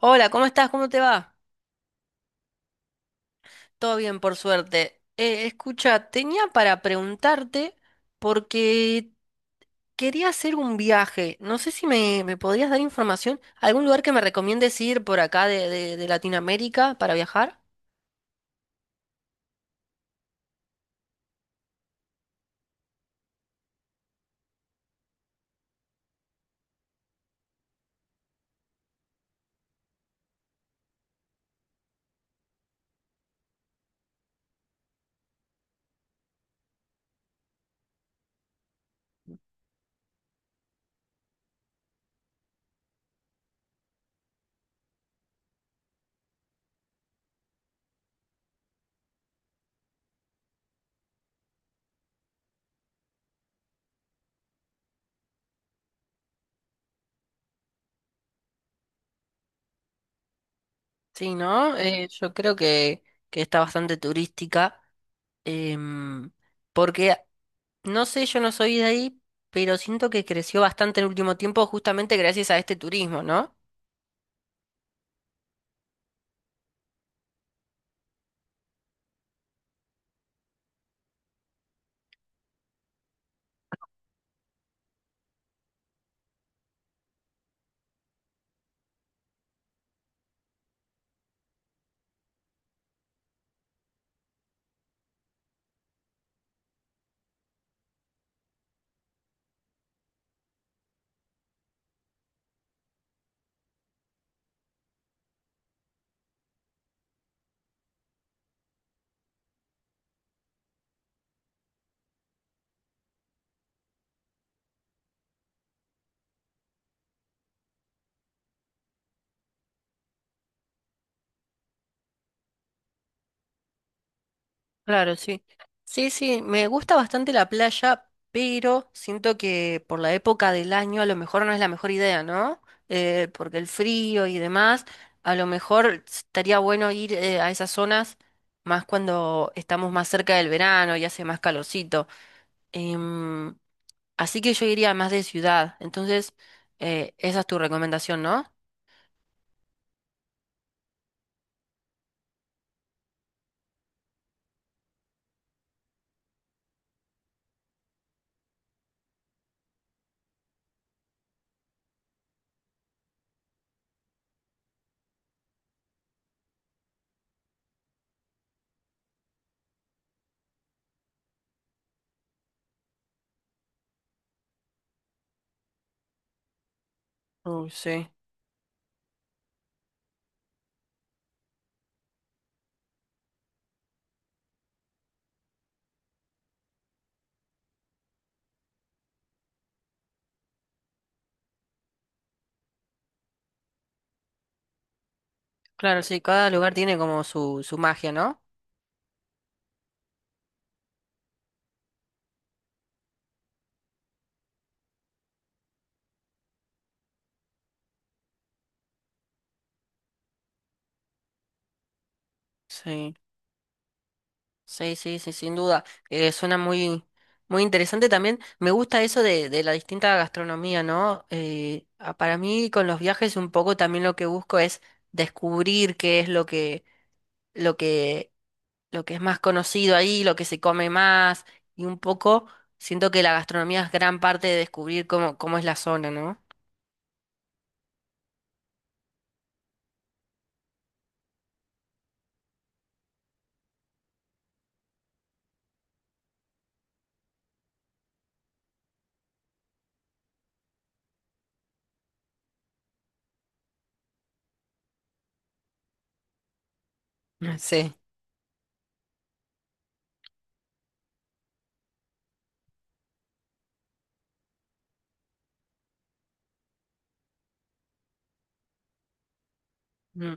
Hola, ¿cómo estás? ¿Cómo te va? Todo bien, por suerte. Escucha, tenía para preguntarte porque quería hacer un viaje. No sé si me podrías dar información. ¿Algún lugar que me recomiendes ir por acá de Latinoamérica para viajar? Sí, ¿no? Yo creo que está bastante turística. em, Porque, no sé, yo no soy de ahí, pero siento que creció bastante en el último tiempo justamente gracias a este turismo, ¿no? Claro, sí. Sí, sí, me gusta bastante la playa, pero siento que por la época del año a lo mejor no es la mejor idea, ¿no? Porque el frío y demás, a lo mejor estaría bueno ir a esas zonas más cuando estamos más cerca del verano y hace más calorcito. Em, Así que yo iría más de ciudad, entonces esa es tu recomendación, ¿no? Uy, sí. Claro, sí, cada lugar tiene como su magia, ¿no? Sí. Sí, sí, sí, sin duda. Suena muy interesante también. Me gusta eso de la distinta gastronomía, ¿no? Para mí con los viajes un poco también lo que busco es descubrir qué es lo que, lo que es más conocido ahí, lo que se come más, y un poco siento que la gastronomía es gran parte de descubrir cómo es la zona, ¿no? Mm. Sí. Mm.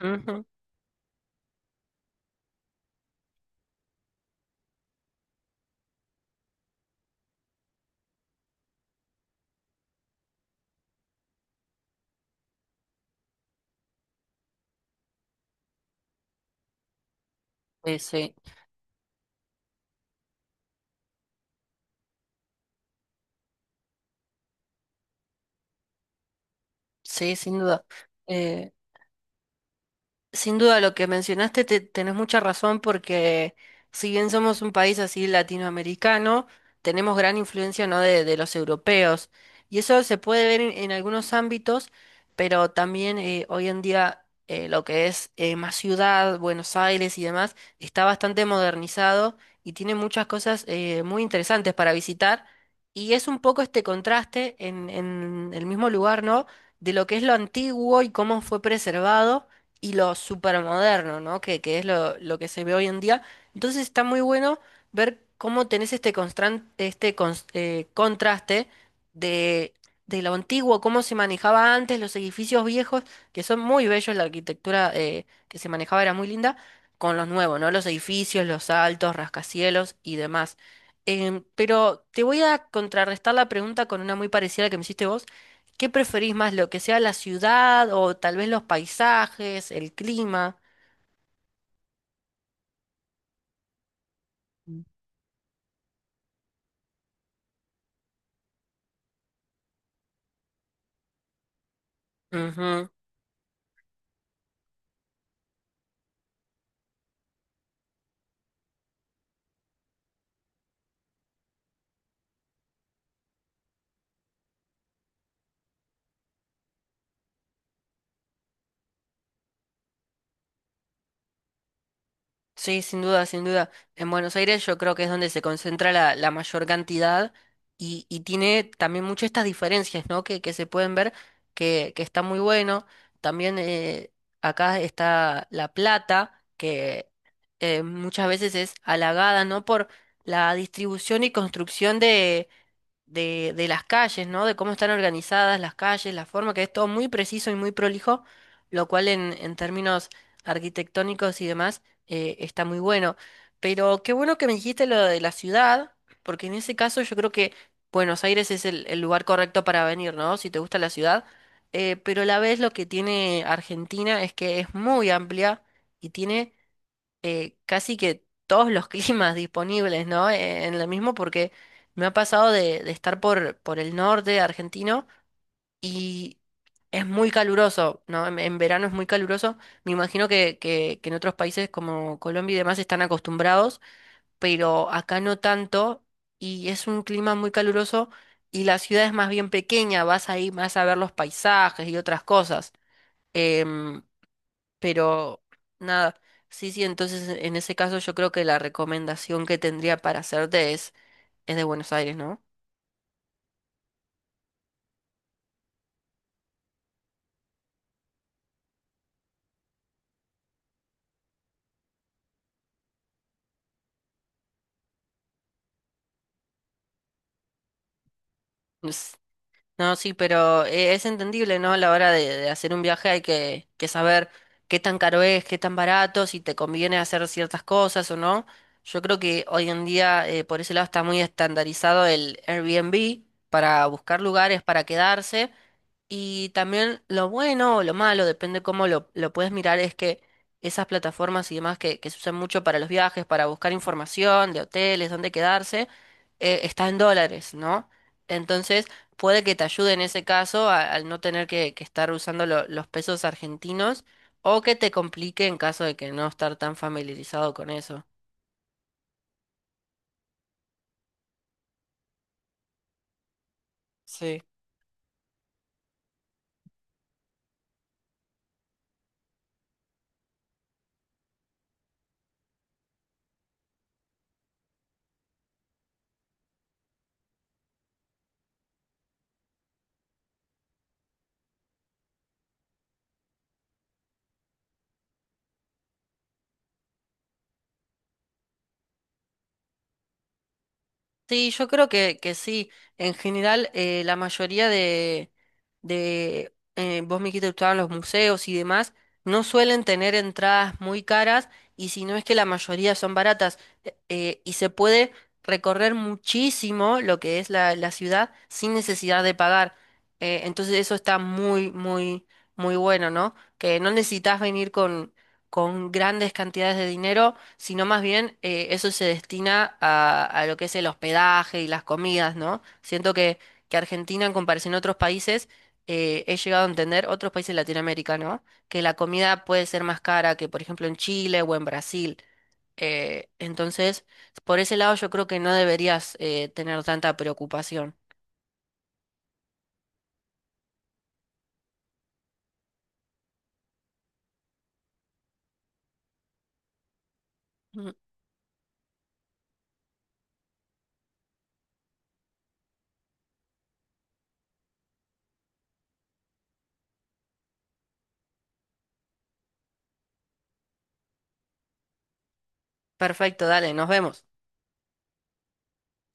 Ujú. Sí, sí, sin duda. Eh, Sin duda, lo que mencionaste, tenés mucha razón porque si bien somos un país así latinoamericano, tenemos gran influencia, ¿no?, de los europeos. Y eso se puede ver en algunos ámbitos, pero también hoy en día lo que es más ciudad, Buenos Aires y demás, está bastante modernizado y tiene muchas cosas muy interesantes para visitar. Y es un poco este contraste en el mismo lugar, ¿no? De lo que es lo antiguo y cómo fue preservado y lo supermoderno, ¿no? Que es lo que se ve hoy en día. Entonces está muy bueno ver cómo tenés este contraste de, de lo antiguo, cómo se manejaba antes, los edificios viejos, que son muy bellos, la arquitectura que se manejaba era muy linda, con los nuevos, ¿no? Los edificios, los altos, rascacielos y demás. Pero te voy a contrarrestar la pregunta con una muy parecida a la que me hiciste vos. ¿Qué preferís más, lo que sea la ciudad o tal vez los paisajes, el clima? Ujú. Sí, sin duda, sin duda. En Buenos Aires yo creo que es donde se concentra la mayor cantidad y tiene también muchas estas diferencias, ¿no? Que se pueden ver, que está muy bueno. También acá está La Plata, que muchas veces es halagada, ¿no? Por la distribución y construcción de las calles, ¿no? De cómo están organizadas las calles, la forma, que es todo muy preciso y muy prolijo, lo cual en términos arquitectónicos y demás está muy bueno. Pero qué bueno que me dijiste lo de la ciudad, porque en ese caso yo creo que Buenos Aires es el lugar correcto para venir, ¿no? Si te gusta la ciudad. Pero a la vez lo que tiene Argentina es que es muy amplia y tiene casi que todos los climas disponibles, ¿no? En lo mismo porque me ha pasado de estar por el norte argentino y es muy caluroso, ¿no? En verano es muy caluroso. Me imagino que en otros países como Colombia y demás están acostumbrados, pero acá no tanto y es un clima muy caluroso y la ciudad es más bien pequeña, vas ahí más a ver los paisajes y otras cosas. Em, pero nada, sí, sí, entonces en ese caso yo creo que la recomendación que tendría para hacerte es de Buenos Aires, ¿no? No, sí, pero es entendible, ¿no? A la hora de hacer un viaje hay que saber qué tan caro es, qué tan barato, si te conviene hacer ciertas cosas o no. Yo creo que hoy en día por ese lado está muy estandarizado el Airbnb para buscar lugares para quedarse. Y también lo bueno o lo malo, depende cómo lo puedes mirar, es que esas plataformas y demás que se usan mucho para los viajes, para buscar información de hoteles, dónde quedarse, está en dólares, ¿no? Entonces, puede que te ayude en ese caso al no tener que estar usando los pesos argentinos o que te complique en caso de que no estar tan familiarizado con eso. Sí. Sí, yo creo que sí. En general, la mayoría de vos me dijiste que gustaban los museos y demás, no suelen tener entradas muy caras y si no es que la mayoría son baratas, y se puede recorrer muchísimo lo que es la ciudad sin necesidad de pagar. Entonces eso está muy bueno, ¿no? Que no necesitas venir con grandes cantidades de dinero sino más bien eso se destina a lo que es el hospedaje y las comidas, ¿no? Siento que Argentina, en comparación a otros países, he llegado a entender, otros países de Latinoamérica, ¿no? Que la comida puede ser más cara que, por ejemplo, en Chile o en Brasil. Entonces, por ese lado yo creo que no deberías tener tanta preocupación. Ujú. Perfecto, dale, nos vemos.